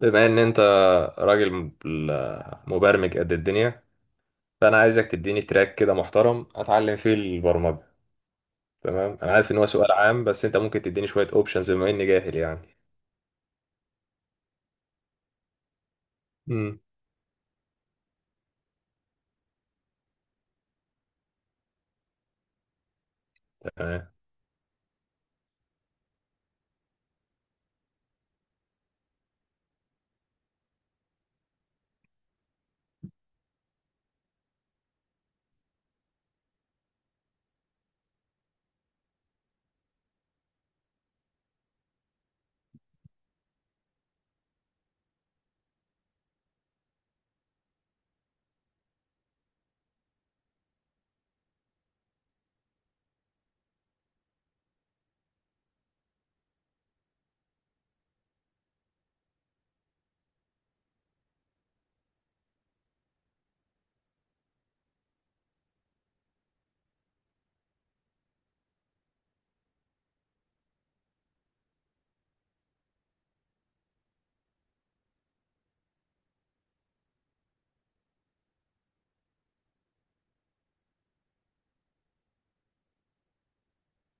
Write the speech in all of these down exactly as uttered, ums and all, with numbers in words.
بما ان انت راجل م- مبرمج قد الدنيا، فانا عايزك تديني تراك كده محترم اتعلم فيه البرمجة. تمام، انا عارف ان هو سؤال عام، بس انت ممكن تديني شوية اوبشنز بما اني جاهل يعني. امم تمام.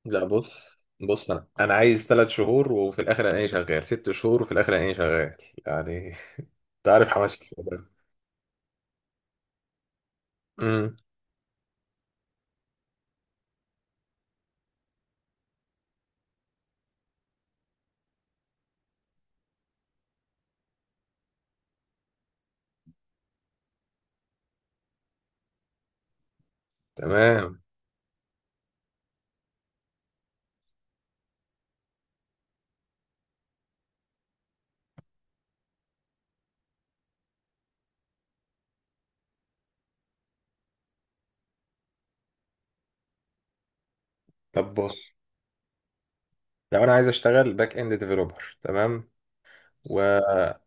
لا بص. بص انا انا عايز ثلاث شهور وفي الاخر الاقيني شغال، ست شهور وفي الاخر الاقيني شغال يعني. انت عارف حماسي الشباب. امم تمام. طب بص، لو انا عايز اشتغل باك اند ديفلوبر، تمام، و...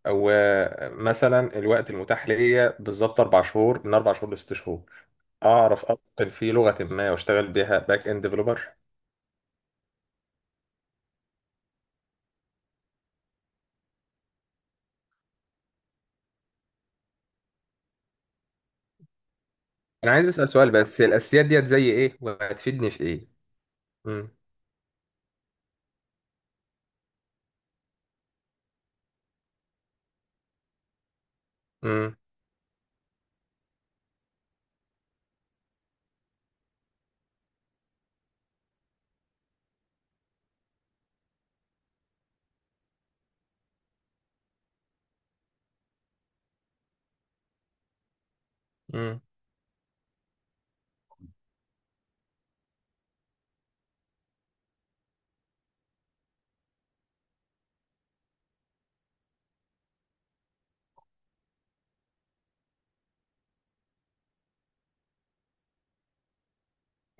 ومثلا الوقت المتاح ليا بالظبط اربع شهور، من اربع شهور لست شهور اعرف اتقن في لغه ما واشتغل بيها باك اند ديفلوبر. انا عايز اسال سؤال بس، هي الاساسيات ديت زي ايه وهتفيدني في ايه؟ امم امم امم.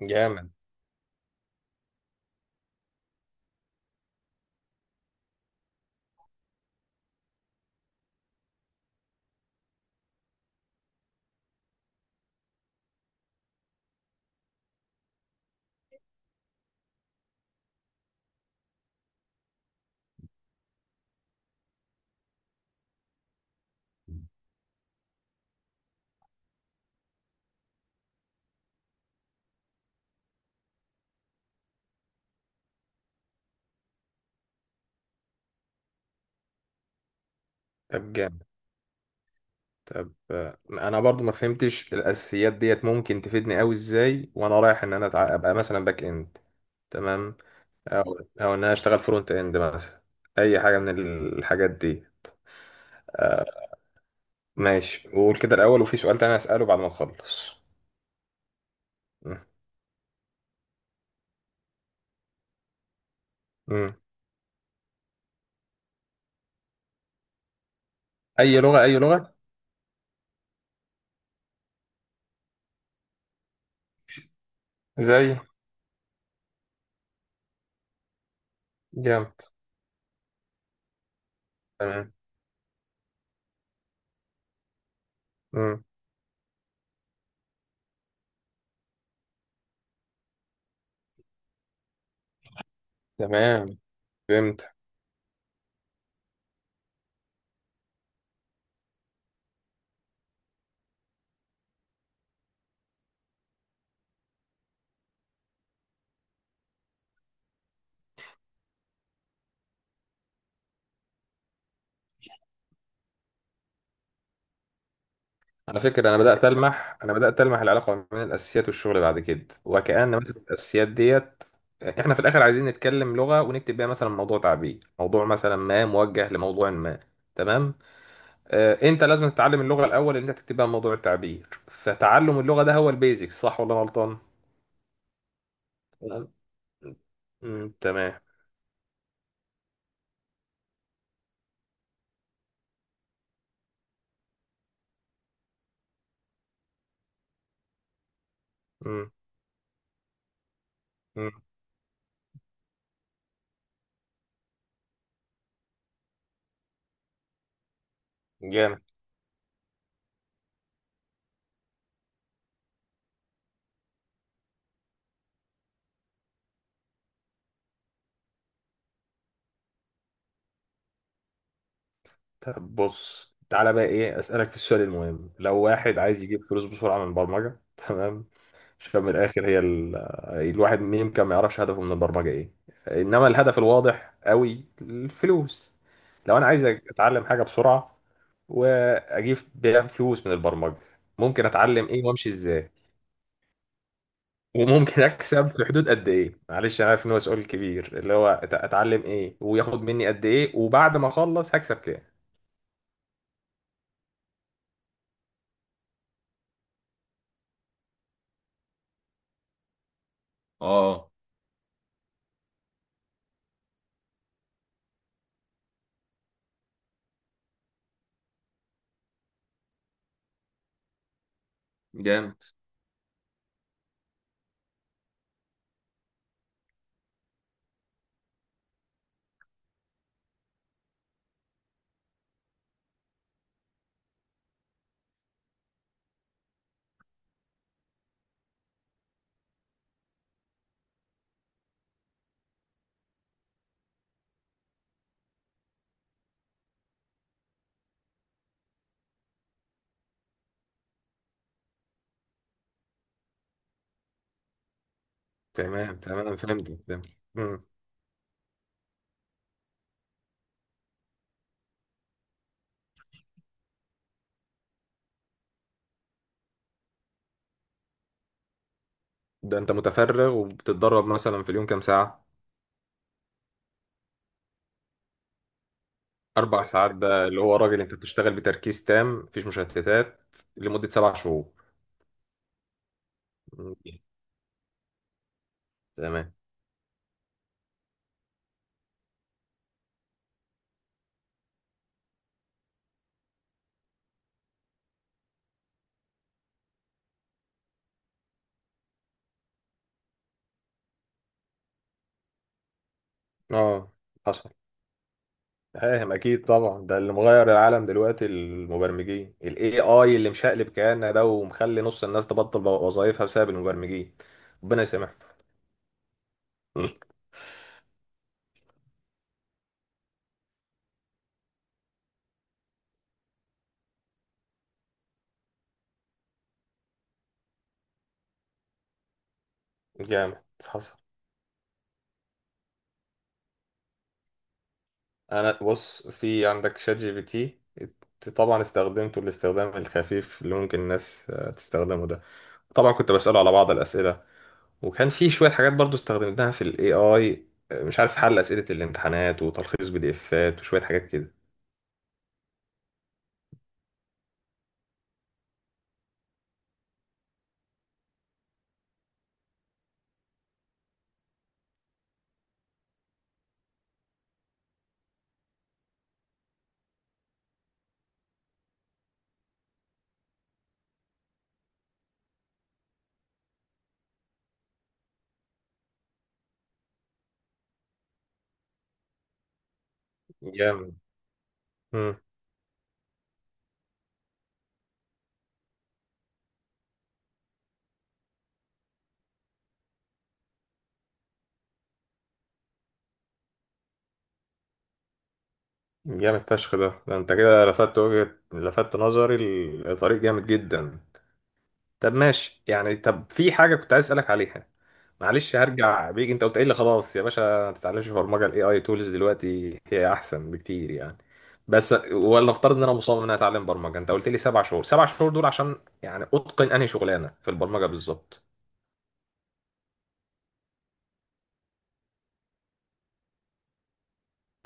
جامد. طب جامد. طب آه، انا برضو ما فهمتش الاساسيات ديت ممكن تفيدني قوي ازاي وانا رايح ان انا أتع- ابقى مثلا باك اند. تمام. او، او ان انا اشتغل فرونت اند مثلا، اي حاجه من الحاجات دي. ماشي، وقول كده الأول، وفي سؤال تاني هسأله بعد ما نخلص. مم. مم. أي لغة، أي لغة؟ زي. جامد. تمام. مم. تمام، فهمت. على فكرة، أنا بدأت ألمح أنا بدأت ألمح العلاقة بين الأساسيات والشغل بعد كده، وكأن مثلا الأساسيات ديت، إحنا في الآخر عايزين نتكلم لغة ونكتب بيها مثلا موضوع تعبير، موضوع مثلا ما موجه لموضوع ما. تمام. آه، أنت لازم تتعلم اللغة الأول اللي أنت تكتب بيها موضوع التعبير، فتعلم اللغة ده هو البيزكس، صح ولا أنا غلطان؟ تمام. مم، تمام. مم. مم. جامد. طب بص تعالى بقى، ايه، اسالك السؤال المهم؟ لو واحد عايز يجيب فلوس بسرعه من البرمجه تمام، عشان من الاخر، هي ال... الواحد يمكن ما يعرفش هدفه من البرمجه ايه، انما الهدف الواضح قوي الفلوس. لو انا عايز اتعلم حاجه بسرعه واجيب بيها فلوس من البرمجه، ممكن اتعلم ايه وامشي ازاي، وممكن اكسب في حدود قد ايه؟ معلش انا عارف ان هو سؤال كبير، اللي هو أت- اتعلم ايه، وياخد مني قد ايه، وبعد ما اخلص هكسب كام. اه. جامد. تمام، تمام، أنا فهمت، فهمت. مم. ده انت متفرغ وبتتدرب مثلا في اليوم كام ساعة؟ أربع ساعات، ده اللي هو راجل أنت بتشتغل بتركيز تام مفيش مشتتات لمدة سبع شهور. مم. تمام. اه، حصل. فاهم، أكيد طبعا، ده اللي مغير العالم دلوقتي المبرمجين ال إيه آي، اللي مشقلب كياننا ده ومخلي نص الناس تبطل وظائفها بسبب المبرمجين. ربنا يسامحهم. مم. جامد، حصل. انا بص، في عندك شات جي بي تي، ات- طبعا استخدمته الاستخدام الخفيف اللي ممكن الناس آه، تستخدمه ده. طبعا كنت بسأله على بعض الأسئلة، وكان في شوية حاجات برضو استخدمتها في الاي اي. مش عارف، حل أسئلة الامتحانات، وتلخيص بي دي افات، وشوية حاجات كده. جامد. مم. جامد فشخ، ده ده انت كده لفت وجهة، لفت نظري لطريق جامد جدا. طب ماشي يعني، طب في حاجة كنت عايز أسألك عليها، معلش هرجع بيك. أنت قلت لي خلاص يا باشا ما تتعلمش برمجة، ال A I tools دلوقتي هي أحسن بكتير يعني، بس ولا افترض إن أنا مصمم إن أنا أتعلم برمجة، أنت قلت لي سبع شهور، سبع شهور دول عشان يعني أتقن أنهي شغلانة في البرمجة بالظبط؟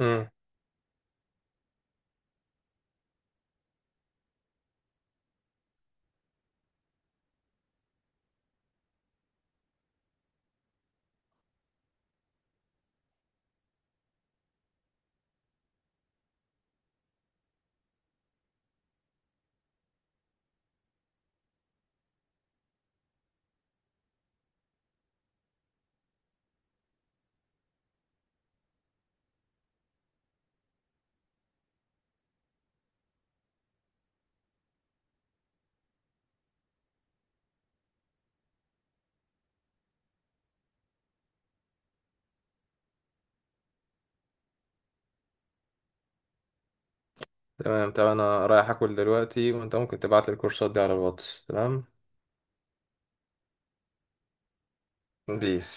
امم تمام. طب أنا رايح آكل دلوقتي، وأنت ممكن تبعت لي الكورسات دي على الواتس. تمام، بيس.